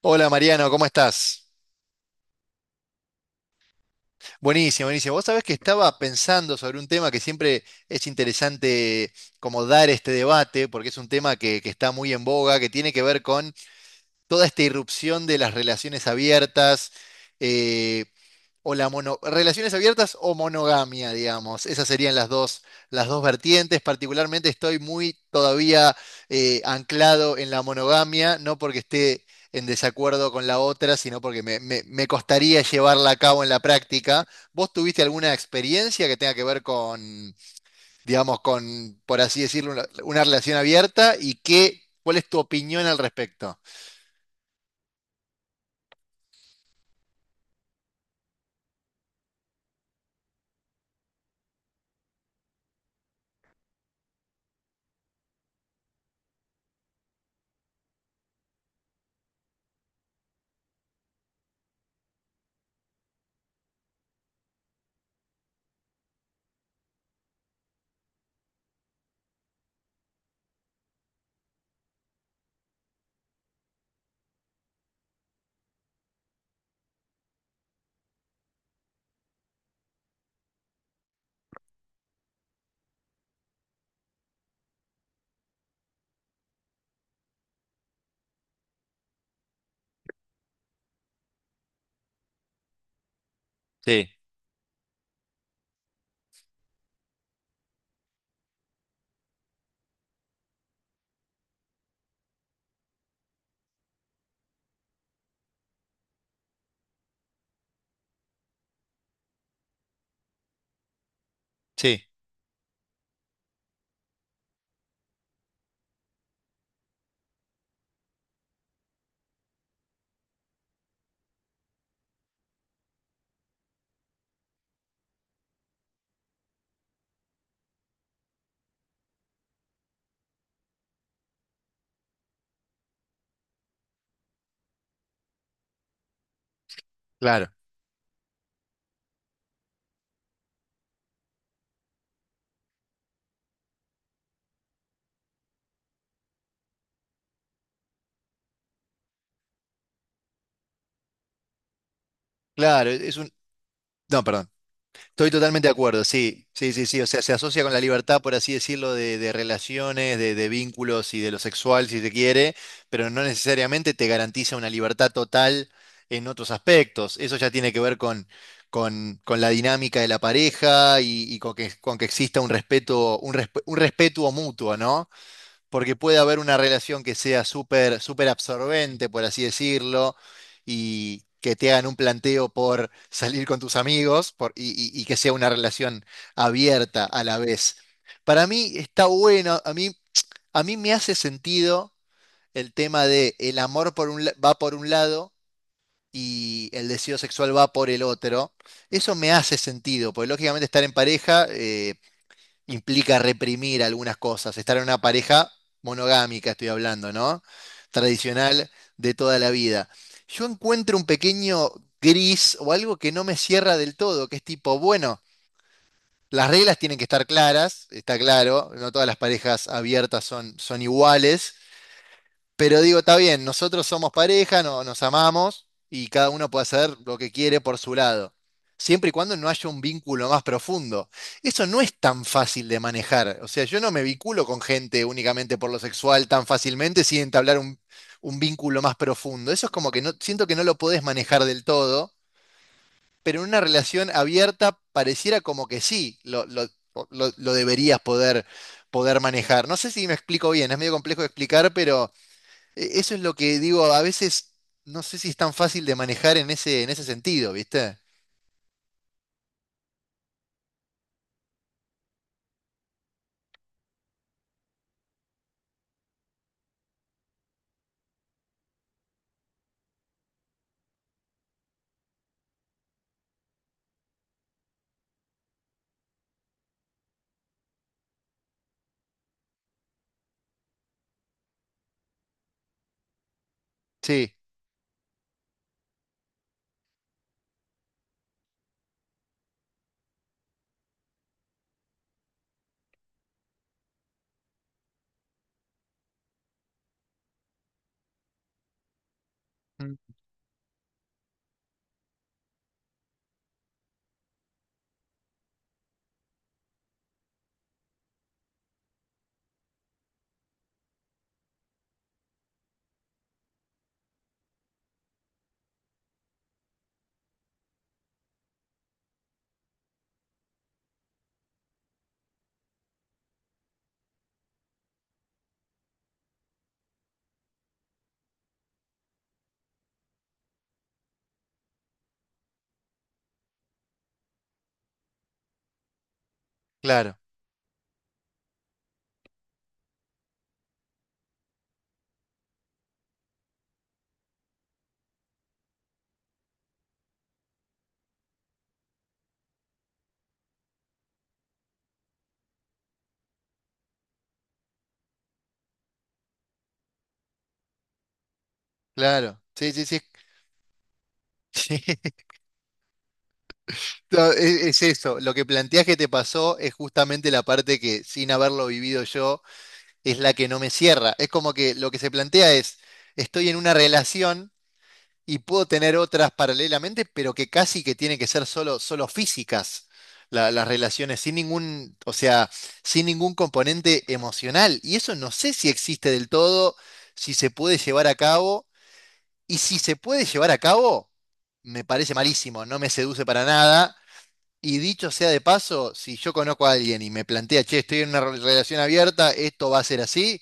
Hola Mariano, ¿cómo estás? Buenísimo, buenísimo. Vos sabés que estaba pensando sobre un tema que siempre es interesante como dar este debate, porque es un tema que está muy en boga, que tiene que ver con toda esta irrupción de las relaciones abiertas. eh, o la mono, relaciones abiertas o monogamia, digamos. Esas serían las dos vertientes. Particularmente estoy muy todavía anclado en la monogamia, no porque esté en desacuerdo con la otra, sino porque me costaría llevarla a cabo en la práctica. ¿Vos tuviste alguna experiencia que tenga que ver con, digamos, con, por así decirlo, una relación abierta? ¿Y qué, cuál es tu opinión al respecto? Sí, sí, claro. Claro, es un... No, perdón. Estoy totalmente de acuerdo, sí, sí, sí, sí. O sea, se asocia con la libertad, por así decirlo, de relaciones, de vínculos y de lo sexual, si se quiere, pero no necesariamente te garantiza una libertad total en otros aspectos. Eso ya tiene que ver con la dinámica de la pareja y con que exista un respeto, un respeto mutuo, ¿no? Porque puede haber una relación que sea súper súper absorbente, por así decirlo, y que te hagan un planteo por salir con tus amigos y que sea una relación abierta a la vez. Para mí está bueno, a mí me hace sentido el tema de el amor por un, va por un lado y el deseo sexual va por el otro. Eso me hace sentido, porque lógicamente estar en pareja implica reprimir algunas cosas, estar en una pareja monogámica, estoy hablando, ¿no? Tradicional de toda la vida. Yo encuentro un pequeño gris o algo que no me cierra del todo, que es tipo, bueno, las reglas tienen que estar claras, está claro, no todas las parejas abiertas son, son iguales, pero digo, está bien, nosotros somos pareja, no, nos amamos y cada uno puede hacer lo que quiere por su lado, siempre y cuando no haya un vínculo más profundo. Eso no es tan fácil de manejar. O sea, yo no me vinculo con gente únicamente por lo sexual tan fácilmente sin entablar un vínculo más profundo. Eso es como que no, siento que no lo podés manejar del todo, pero en una relación abierta pareciera como que sí, lo deberías poder, poder manejar. No sé si me explico bien, es medio complejo de explicar, pero... Eso es lo que digo, a veces no sé si es tan fácil de manejar en ese sentido, ¿viste? Sí, mm, claro, claro. Sí, sí, sí. Sí. No, es, eso, lo que planteas que te pasó es justamente la parte que sin haberlo vivido yo es la que no me cierra. Es como que lo que se plantea es, estoy en una relación. Y puedo tener otras paralelamente, pero que casi que tienen que ser solo, solo físicas las relaciones, sin ningún, o sea, sin ningún componente emocional. Y eso no sé si existe del todo, si se puede llevar a cabo, y si se puede llevar a cabo, me parece malísimo, no me seduce para nada. Y dicho sea de paso, si yo conozco a alguien y me plantea, che, estoy en una relación abierta, esto va a ser así,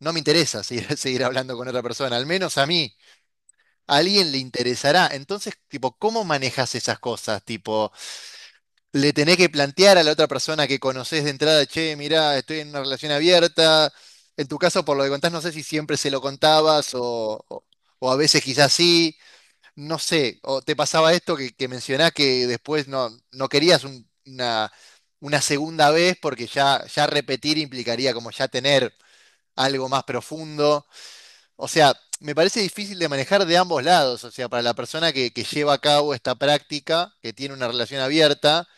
no me interesa seguir, seguir hablando con otra persona, al menos a mí a alguien le interesará. Entonces, tipo, ¿cómo manejas esas cosas? Tipo, le tenés que plantear a la otra persona que conoces de entrada, che, mirá, estoy en una relación abierta. En tu caso, por lo que contás, no sé si siempre se lo contabas o a veces quizás sí, no sé. O te pasaba esto que mencionás que después no, no querías una segunda vez porque ya, ya repetir implicaría como ya tener algo más profundo. O sea, me parece difícil de manejar de ambos lados. O sea, para la persona que lleva a cabo esta práctica, que tiene una relación abierta,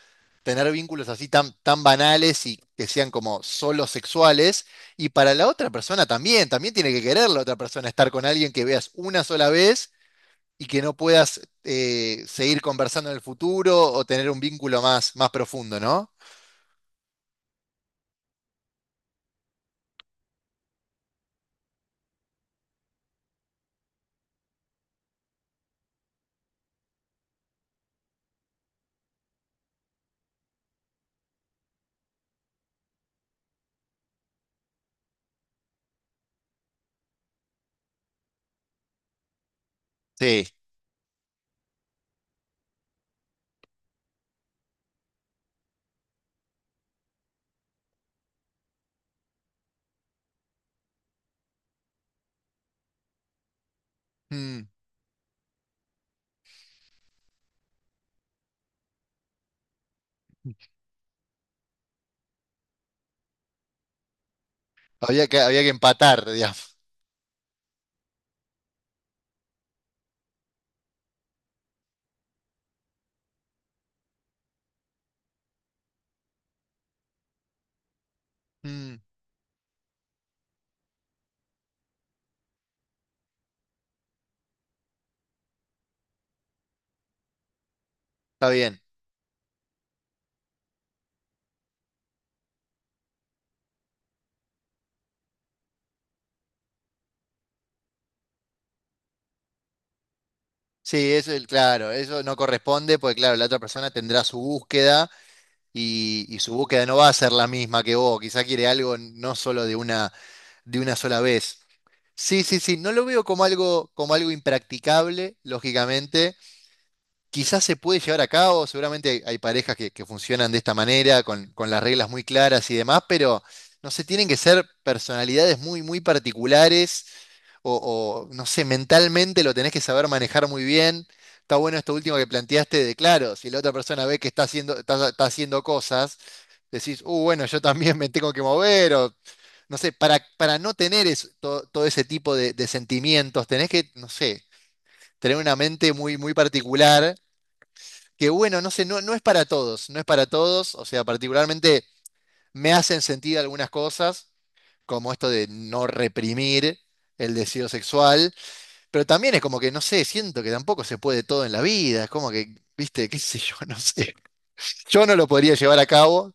tener vínculos así tan, tan banales y que sean como solo sexuales. Y para la otra persona también, también tiene que querer la otra persona estar con alguien que veas una sola vez y que no puedas seguir conversando en el futuro o tener un vínculo más, más profundo, ¿no? Sí. Mm. Había que empatar, digamos. Mm, está bien. Sí, eso es claro, eso no corresponde porque claro, la otra persona tendrá su búsqueda y su búsqueda no va a ser la misma que vos, quizá quiere algo no solo de una sola vez. Sí, sí, sí, no lo veo como algo impracticable, lógicamente. Quizás se puede llevar a cabo, seguramente hay, hay parejas que funcionan de esta manera, con las reglas muy claras y demás, pero no sé, tienen que ser personalidades muy, muy particulares o, no sé, mentalmente lo tenés que saber manejar muy bien. Está bueno esto último que planteaste de, claro, si la otra persona ve que está haciendo, está, está haciendo cosas, decís, bueno, yo también me tengo que mover, o no sé, para no tener todo ese tipo de sentimientos, tenés que, no sé, tener una mente muy, muy particular, que bueno, no sé, no, no es para todos, no es para todos, o sea, particularmente me hacen sentir algunas cosas, como esto de no reprimir el deseo sexual, pero también es como que, no sé, siento que tampoco se puede todo en la vida, es como que, viste, qué sé yo, no sé. Yo no lo podría llevar a cabo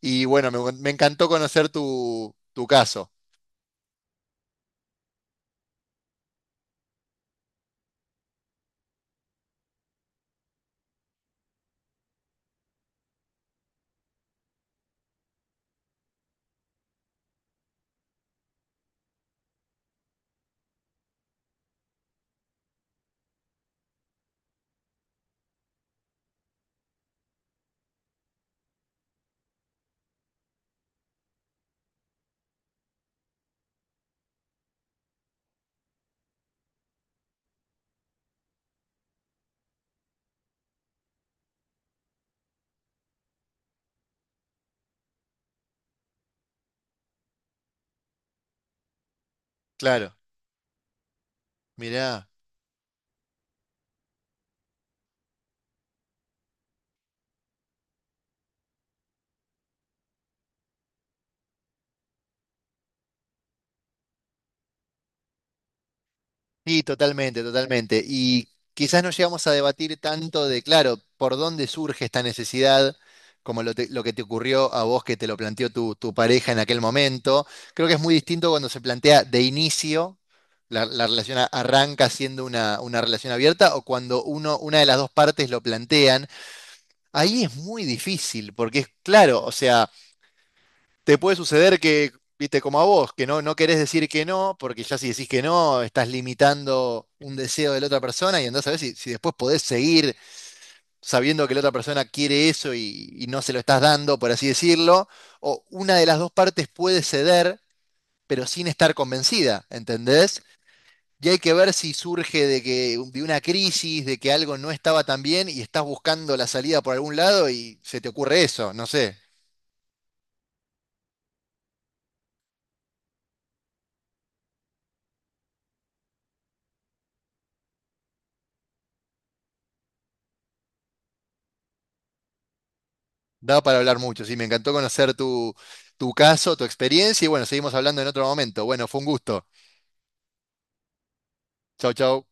y bueno, me encantó conocer tu, tu caso. Claro, mirá. Sí, totalmente, totalmente. Y quizás no llegamos a debatir tanto de, claro, por dónde surge esta necesidad, como lo que te ocurrió a vos que te lo planteó tu, tu pareja en aquel momento. Creo que es muy distinto cuando se plantea de inicio, la relación arranca siendo una relación abierta, o cuando uno, una de las dos partes lo plantean. Ahí es muy difícil, porque es claro, o sea te puede suceder que, viste, como a vos, que no, no querés decir que no, porque ya si decís que no, estás limitando un deseo de la otra persona y entonces a ver si, si después podés seguir sabiendo que la otra persona quiere eso y no se lo estás dando, por así decirlo, o una de las dos partes puede ceder, pero sin estar convencida, ¿entendés? Y hay que ver si surge de que de una crisis, de que algo no estaba tan bien y estás buscando la salida por algún lado y se te ocurre eso, no sé. Da para hablar mucho, sí, me encantó conocer tu, tu caso, tu experiencia y bueno, seguimos hablando en otro momento. Bueno, fue un gusto. Chau, chau.